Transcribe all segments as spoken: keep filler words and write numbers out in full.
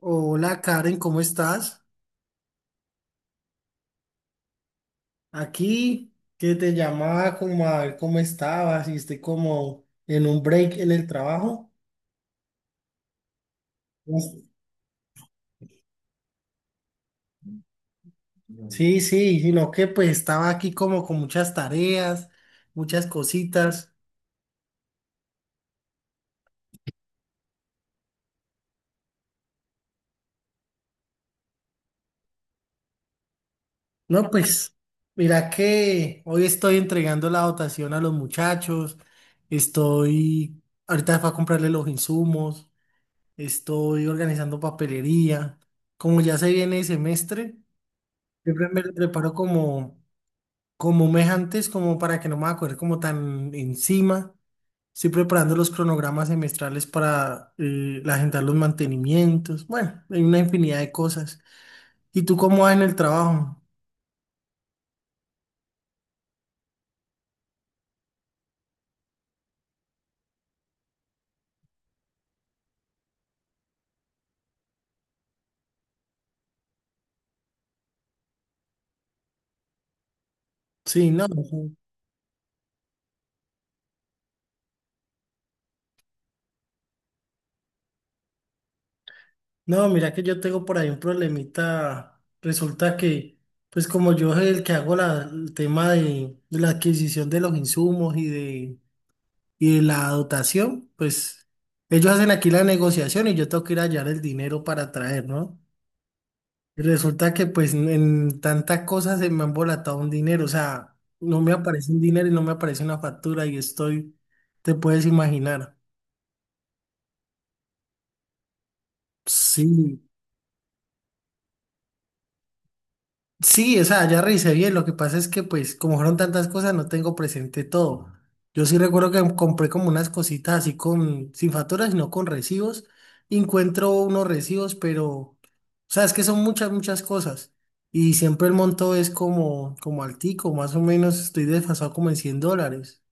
Hola Karen, ¿cómo estás? Aquí que te llamaba como a ver cómo estabas y estoy como en un break en el trabajo. Pues, sí, sí, sino que pues estaba aquí como con muchas tareas, muchas cositas. No, pues mira que hoy estoy entregando la dotación a los muchachos, estoy ahorita para comprarle los insumos, estoy organizando papelería. Como ya se viene el semestre, siempre me preparo como como mes antes, como para que no me acuerde como tan encima. Estoy preparando los cronogramas semestrales para eh, agendar los mantenimientos. Bueno, hay una infinidad de cosas. ¿Y tú cómo vas en el trabajo? Sí, no, ujú. No, mira que yo tengo por ahí un problemita. Resulta que, pues como yo soy el que hago la- el tema de, de la adquisición de los insumos y de, y de la dotación, pues ellos hacen aquí la negociación y yo tengo que ir a hallar el dinero para traer, ¿no? Y resulta que pues en en tanta cosa se me ha embolatado un dinero, o sea, no me aparece un dinero y no me aparece una factura y estoy, te puedes imaginar. Sí, sí, o sea, ya revisé bien, lo que pasa es que pues como fueron tantas cosas no tengo presente todo. Yo sí recuerdo que compré como unas cositas así con, sin facturas, sino con recibos. Y encuentro unos recibos, pero, o sea, es que son muchas, muchas cosas. Y siempre el monto es como, como altico, más o menos estoy desfasado como en cien dólares.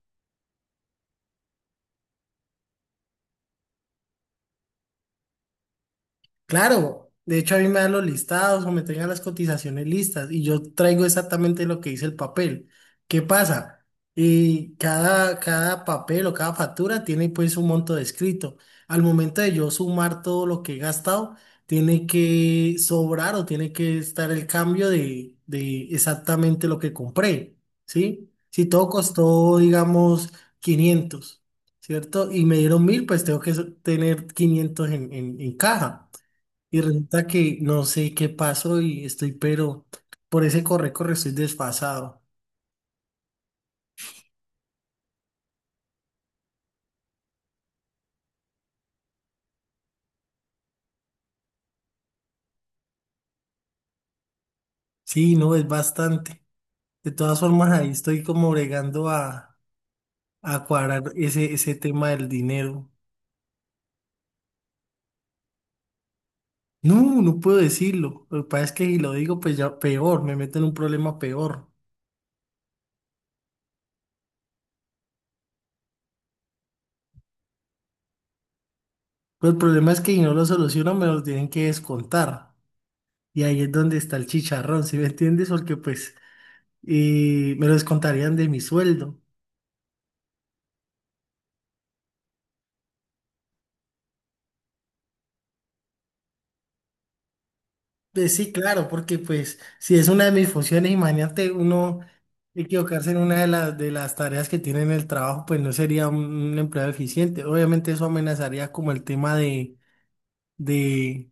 Claro, de hecho a mí me dan los listados o me tengan las cotizaciones listas y yo traigo exactamente lo que dice el papel. ¿Qué pasa? Y cada, cada papel o cada factura tiene pues un monto descrito. Al momento de yo sumar todo lo que he gastado, tiene que sobrar o tiene que estar el cambio de, de exactamente lo que compré, ¿sí? Si todo costó, digamos, quinientos, ¿cierto? Y me dieron mil, pues tengo que so- tener quinientos en en- en caja. Y resulta que no sé qué pasó y estoy, pero por ese corre, corre, estoy desfasado. Sí, no, es bastante. De todas formas, ahí estoy como bregando a, a cuadrar ese, ese tema del dinero. No, no puedo decirlo. Lo que pasa es que si lo digo, pues ya peor, me meto en un problema peor. Pero el problema es que si no lo soluciono, me lo tienen que descontar. Y ahí es donde está el chicharrón, ¿sí me entiendes? Porque pues eh, me lo descontarían de mi sueldo. Eh, Sí, claro, porque pues si es una de mis funciones, imagínate uno equivocarse en una de las, de las tareas que tiene en el trabajo, pues no sería un, un empleo eficiente. Obviamente eso amenazaría como el tema de, de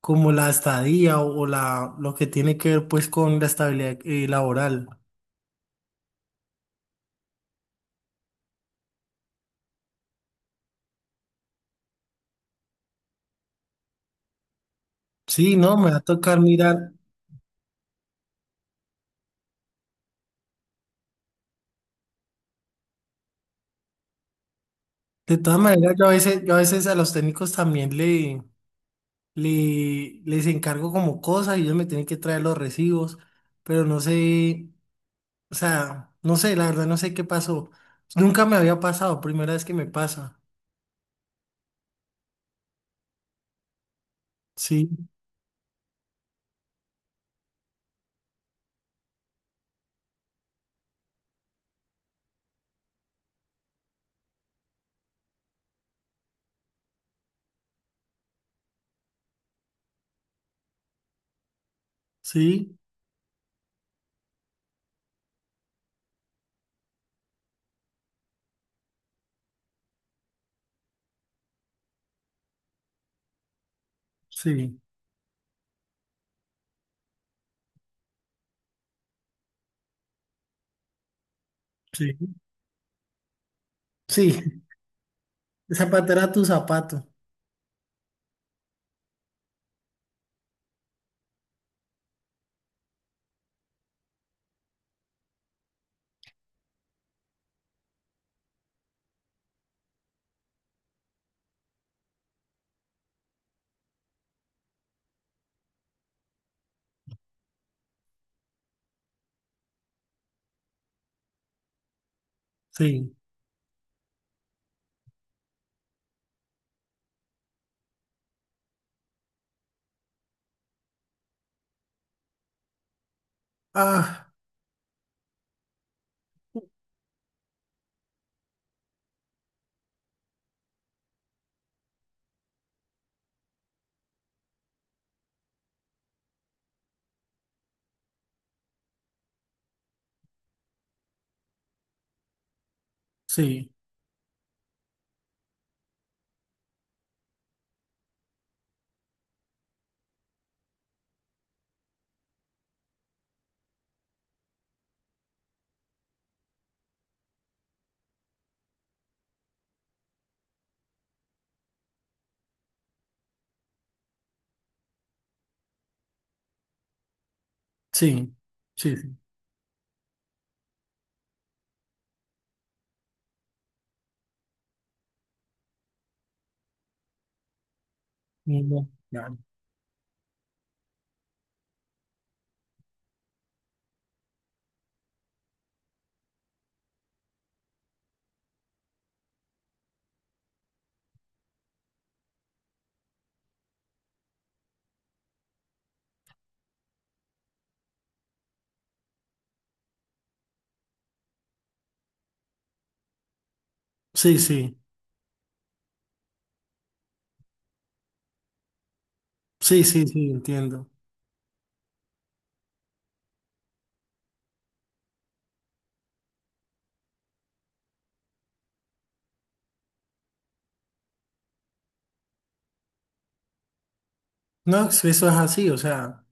como la estadía o, o la, lo que tiene que ver pues con la estabilidad eh, laboral. Sí, no, me va a tocar mirar. De todas maneras, yo a veces, yo a veces a los técnicos también le, le, les encargo como cosas y ellos me tienen que traer los recibos, pero no sé. O sea, no sé, la verdad no sé qué pasó. Nunca me había pasado, primera vez que me pasa. Sí, sí, sí, sí, sí. Zapatera tu zapato. Sí. Ah, sí, sí, sí, sí. Y no, ya. Sí, sí, sí, sí, sí, entiendo. No, eso eso es así, o sea,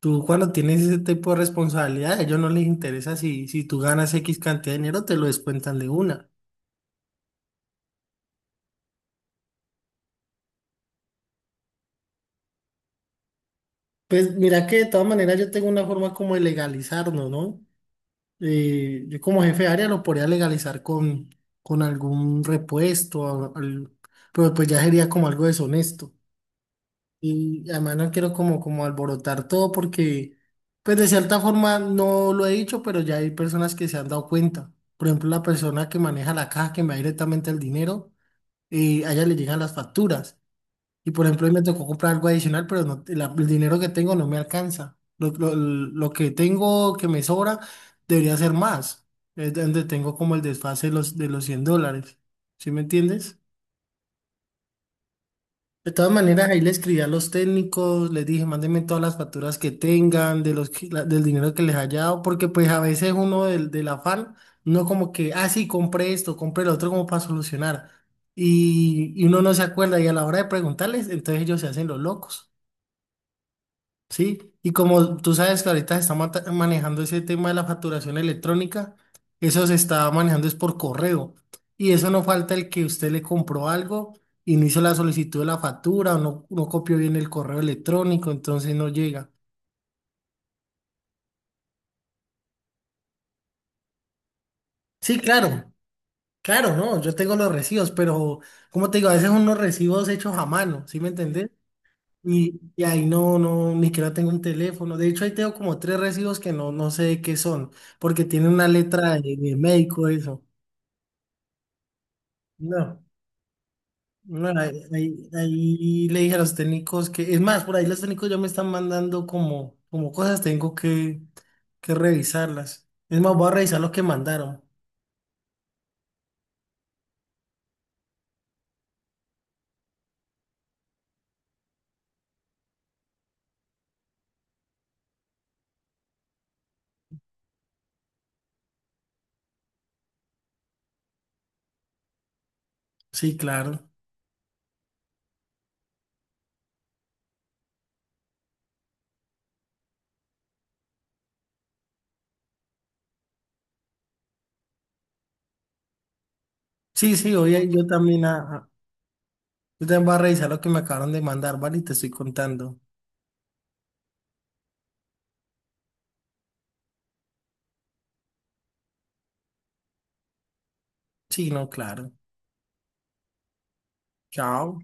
tú cuando tienes ese tipo de responsabilidad, a ellos no les interesa si, si tú ganas equis cantidad de dinero, te lo descuentan de una. Pues mira que de todas maneras yo tengo una forma como de legalizarnos, ¿no? eh, yo como jefe de área lo podría legalizar con, con algún repuesto, a- al- pero pues ya sería como algo deshonesto. Y además no quiero como, como alborotar todo porque, pues de cierta forma no lo he dicho, pero ya hay personas que se han dado cuenta. Por ejemplo, la persona que maneja la caja, que me da directamente el dinero, eh, a ella le llegan las facturas. Y por ejemplo, hoy me tocó comprar algo adicional, pero no, te- la- el dinero que tengo no me alcanza. Lo, lo- lo que tengo que me sobra debería ser más. Es donde tengo como el desfase de los, de los cien dólares. ¿Sí me entiendes? De todas maneras, ahí le escribí a los técnicos, les dije, mándenme todas las facturas que tengan, de los, que- la- del dinero que les haya dado, porque pues a veces uno del, del afán, no como que, ah, sí, compré esto, compré lo otro como para solucionar. Y, y uno no se acuerda y a la hora de preguntarles, entonces ellos se hacen los locos. Sí, y como tú sabes que ahorita se está mata- manejando ese tema de la facturación electrónica, eso se está manejando es por correo. Y eso no falta el que usted le compró algo y no hizo la solicitud de la factura o no, no copió bien el correo electrónico, entonces no llega. Sí, claro, claro, no, yo tengo los recibos, pero como te digo, a veces son unos recibos hechos a mano, ¿sí me entendés? Y, y ahí no, no, ni que no tengo un teléfono. De hecho, ahí tengo como tres recibos que no, no sé de qué son, porque tiene una letra de, de médico, eso. No, no, ahí, ahí- ahí le dije a los técnicos que, es más, por ahí los técnicos ya me están mandando como, como cosas, tengo que, que revisarlas. Es más, voy a revisar lo que mandaron. Sí, claro. Sí, sí, oye, yo también, a- a- yo también voy a revisar lo que me acabaron de mandar, ¿vale? Y te estoy contando. Sí, no, claro. Chao.